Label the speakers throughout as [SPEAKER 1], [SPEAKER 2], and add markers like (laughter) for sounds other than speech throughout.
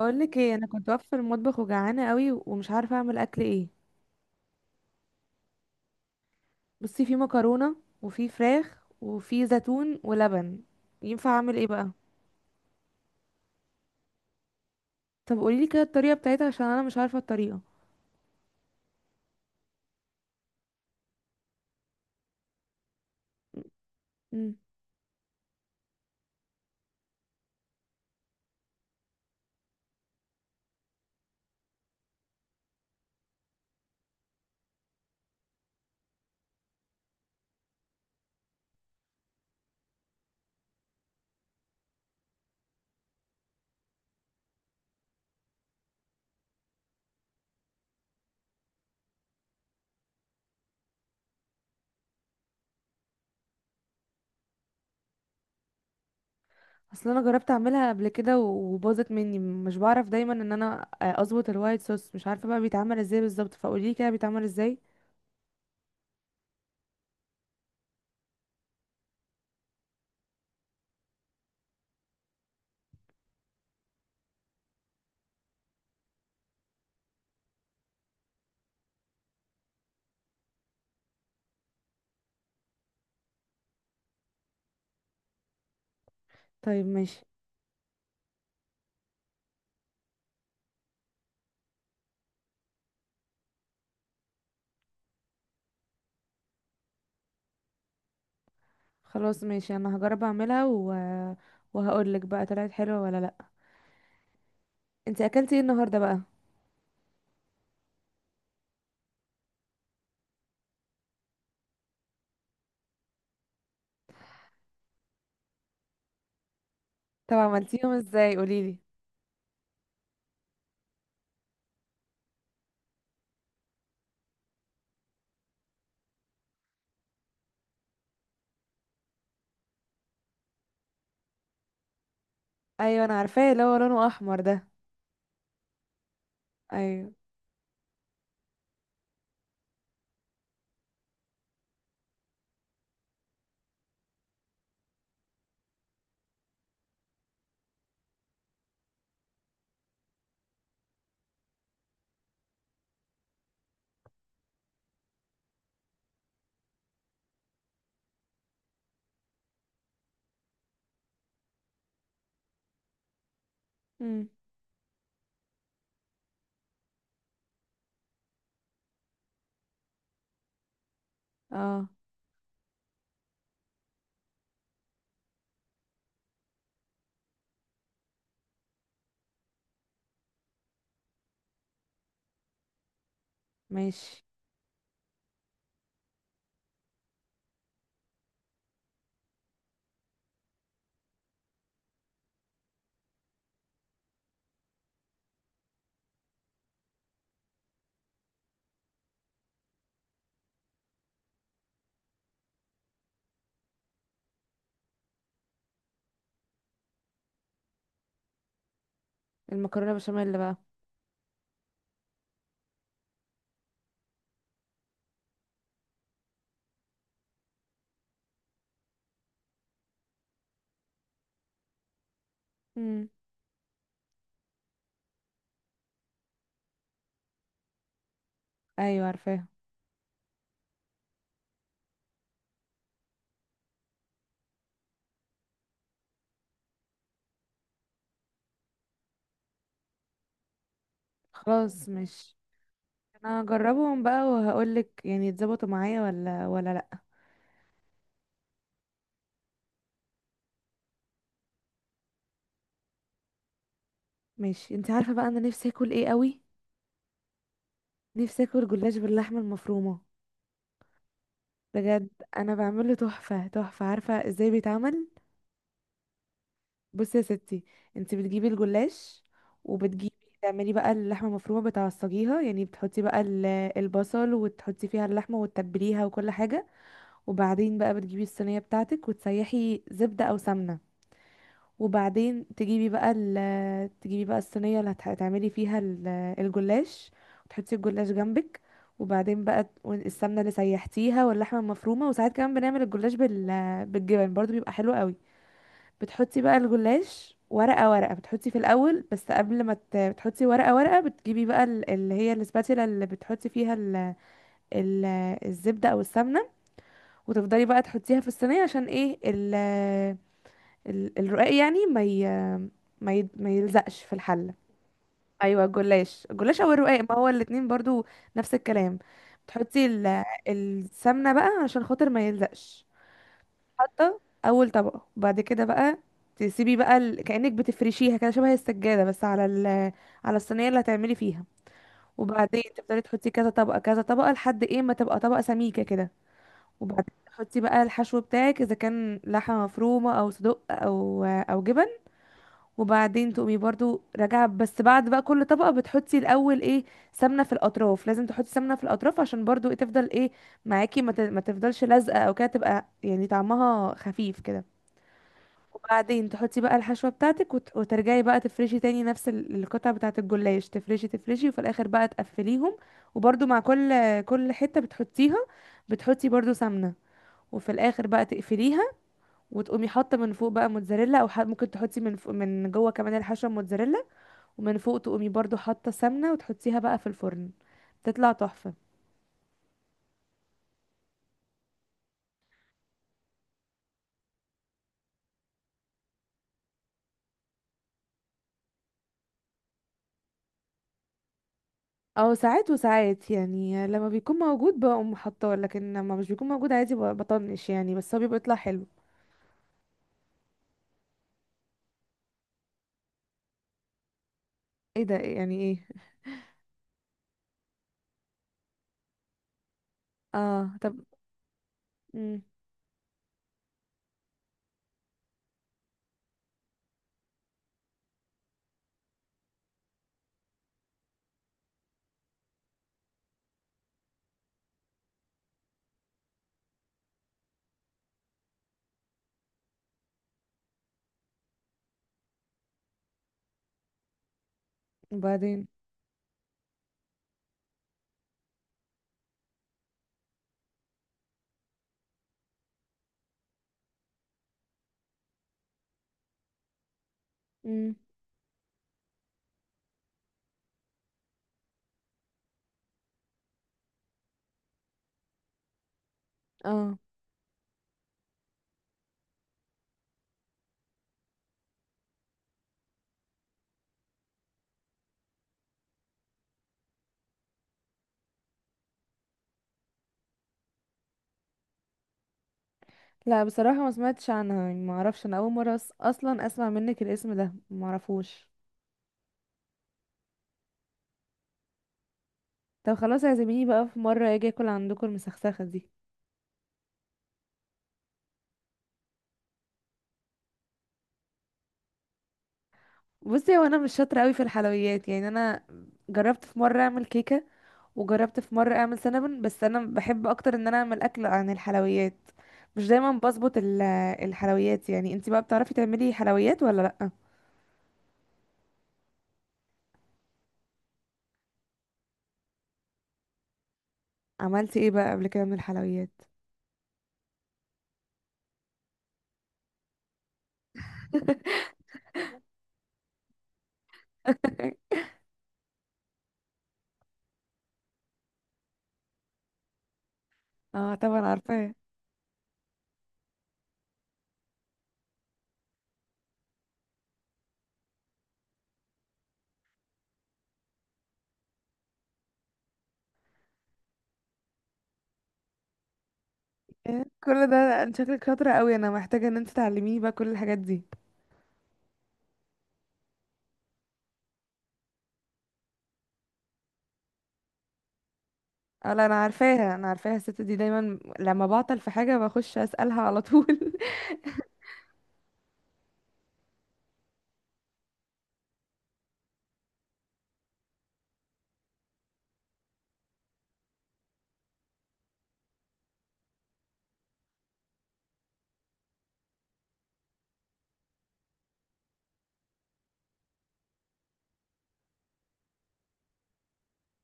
[SPEAKER 1] اقول لك ايه، انا كنت واقفه في المطبخ وجعانه قوي ومش عارفه اعمل اكل ايه. بصي، في مكرونه وفي فراخ وفي زيتون ولبن. ينفع اعمل ايه بقى؟ طب قولي لي كده الطريقه بتاعتها عشان انا مش عارفه الطريقه. امم اصل انا جربت اعملها قبل كده و- وباظت مني، مش بعرف دايما ان انا اظبط الوايت صوص، مش عارفه بقى بيتعمل ازاي بالظبط، فقولي لي كده بيتعمل ازاي. طيب ماشي. خلاص ماشي، انا هجرب اعملها. وهقول لك بقى طلعت حلوه ولا لا. انت اكلتي ايه النهارده بقى؟ طب عملتيهم ازاي؟ قولي لي. ايوه، انا عارفاه اللي هو لونه احمر ده. ايوه. امم اه ماشي. المكرونه بشاميل بقى؟ امم ايوه عارفاه. خلاص ماشي، انا هجربهم بقى وهقول لك يعني اتظبطوا معايا ولا لا. ماشي. انت عارفه بقى انا نفسي اكل ايه قوي؟ نفسي اكل جلاش باللحمه المفرومه. بجد، انا بعمله تحفه تحفه. عارفه ازاي بيتعمل؟ بصي يا ستي، انت بتجيبي الجلاش وبتجيبي، تعملي بقى اللحمه المفرومه بتعصجيها، يعني بتحطي بقى البصل وتحطي فيها اللحمه وتتبليها وكل حاجه. وبعدين بقى بتجيبي الصينيه بتاعتك وتسيحي زبده او سمنه. وبعدين تجيبي بقى الصينيه اللي هتعملي فيها الجلاش، وتحطي الجلاش جنبك. وبعدين بقى السمنه اللي سيحتيها واللحمه المفرومه. وساعات كمان بنعمل الجلاش بال، بالجبن برضو، بيبقى حلو قوي. بتحطي بقى الجلاش ورقة ورقة، بتحطي في الأول، بس قبل ما بتحطي ورقة ورقة بتجيبي بقى اللي هي الاسباتيلا اللي بتحطي فيها ال... الزبدة أو السمنة، وتفضلي بقى تحطيها في الصينية عشان ايه الرقاق يعني ما يلزقش في الحلة. أيوة، الجلاش، الجلاش أو الرقاق، ما هو الاتنين برضو نفس الكلام. بتحطي السمنة بقى عشان خاطر ما يلزقش. حاطه اول طبقه، بعد كده بقى تسيبي بقى كأنك بتفرشيها كده شبه السجادة، بس على على الصينية اللي هتعملي فيها. وبعدين تفضلي تحطي كذا طبقة كذا طبقة لحد ايه ما تبقى طبقة سميكة كده. وبعدين تحطي بقى الحشو بتاعك اذا كان لحمة مفرومة او صدق او جبن. وبعدين تقومي برضو راجعة، بس بعد بقى كل طبقة بتحطي الاول ايه، سمنة في الاطراف. لازم تحطي سمنة في الاطراف عشان برضو إيه تفضل ايه معاكي، ما تفضلش لازقة او كده، تبقى يعني طعمها خفيف كده. وبعدين تحطي بقى الحشوة بتاعتك وترجعي بقى تفرشي تاني نفس القطع بتاعة الجلاش، تفرشي تفرشي وفي الآخر بقى تقفليهم. وبرضو مع كل حتة بتحطيها بتحطي برضو سمنة. وفي الآخر بقى تقفليها وتقومي حاطة من فوق بقى موتزاريلا أو ممكن تحطي من فوق، من جوه كمان الحشوة موتزاريلا، ومن فوق تقومي برضو حاطة سمنة وتحطيها بقى في الفرن. تطلع تحفة. أو ساعات وساعات، يعني لما بيكون موجود بقوم حاطاه، لكن لما مش بيكون موجود عادي بطنش يعني، بس هو بيبقى يطلع حلو. ايه ده؟ إيه؟ يعني ايه؟ اه طب. امم وبعدين. امم اه لا، بصراحة ما سمعتش عنها، يعني ما اعرفش، انا اول مرة اصلا اسمع منك الاسم ده، ما اعرفوش. طب خلاص، اعزميني بقى في مرة اجي اكل عندكم المسخسخة دي. بصي، هو انا مش شاطرة قوي في الحلويات، يعني انا جربت في مرة اعمل كيكة وجربت في مرة اعمل سينابون، بس انا بحب اكتر ان انا اعمل اكل عن الحلويات. مش دايما بظبط الحلويات، يعني انتي بقى بتعرفي تعملي حلويات ولا لأ؟ عملتي ايه بقى قبل كده من الحلويات؟ اه طبعا عارفاه. إيه، كل ده؟ انت شكلك شاطرة قوي، انا محتاجة ان انت تعلميني بقى كل الحاجات دي. اه لا، انا عارفاها انا عارفاها، الست دي دايما لما بعطل في حاجة بخش اسألها على طول.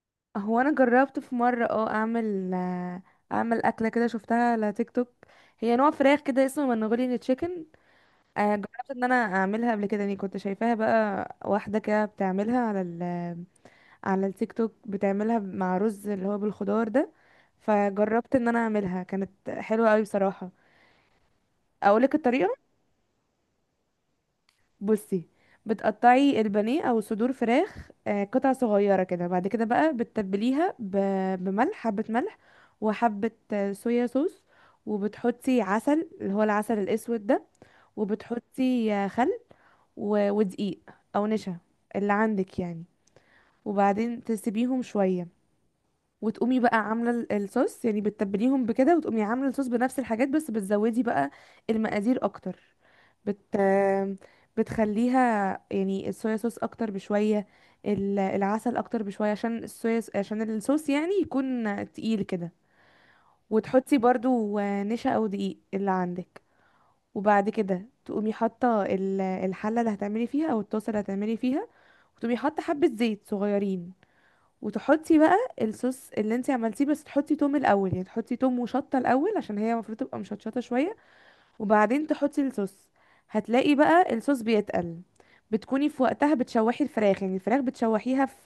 [SPEAKER 1] (laughs) هو انا جربت في مرة اه اعمل اعمل اكلة كده شفتها على تيك توك. هي نوع فراخ كده اسمه منغوليان تشيكن. آه جربت ان انا اعملها قبل كده، يعني كنت شايفاها بقى واحدة كده بتعملها على على التيك توك، بتعملها مع رز اللي هو بالخضار ده. فجربت ان انا اعملها، كانت حلوة قوي بصراحة. اقولك الطريقه. بصي، بتقطعي البانيه او صدور فراخ قطع صغيره كده. بعد كده بقى بتتبليها بملح، حبه ملح، وحبه صويا صوص، وبتحطي عسل اللي هو العسل الاسود ده، وبتحطي خل ودقيق او نشا اللي عندك يعني. وبعدين تسيبيهم شويه. وتقومي بقى عامله الصوص، يعني بتتبليهم بكده، وتقومي عامله الصوص بنفس الحاجات بس بتزودي بقى المقادير اكتر. بت بتخليها، يعني الصويا صوص اكتر بشويه، العسل اكتر بشويه، عشان الصويا عشان الصوص يعني يكون تقيل كده. وتحطي برضو نشا او دقيق اللي عندك. وبعد كده تقومي حاطه الحله اللي هتعملي فيها او الطاسه اللي هتعملي فيها، وتقومي حاطه حبه زيت صغيرين، وتحطي بقى الصوص اللي انت عملتيه، بس تحطي توم الاول، يعني تحطي توم وشطه الاول عشان هي المفروض تبقى مشطشطه شويه. وبعدين تحطي الصوص. هتلاقي بقى الصوص بيتقل. بتكوني في وقتها بتشوحي الفراخ، يعني الفراخ بتشوحيها في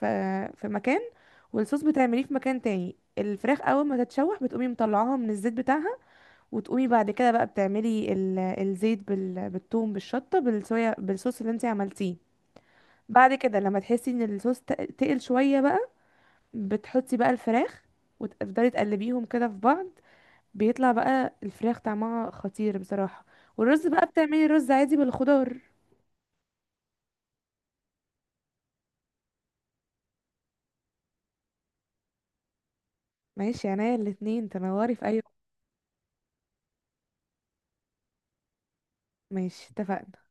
[SPEAKER 1] في مكان، والصوص بتعمليه في مكان تاني. الفراخ اول ما تتشوح بتقومي مطلعاها من الزيت بتاعها، وتقومي بعد كده بقى بتعملي الزيت بالثوم بالشطه بالصويا بالصوص اللي انت عملتيه. بعد كده لما تحسي ان الصوص تقل شويه بقى بتحطي بقى الفراخ وتفضلي تقلبيهم كده في بعض. بيطلع بقى الفراخ طعمها خطير بصراحة. والرز بقى بتعملي رز عادي بالخضار. ماشي، عينيا الاتنين، تنوري في اي وقت. ماشي اتفقنا.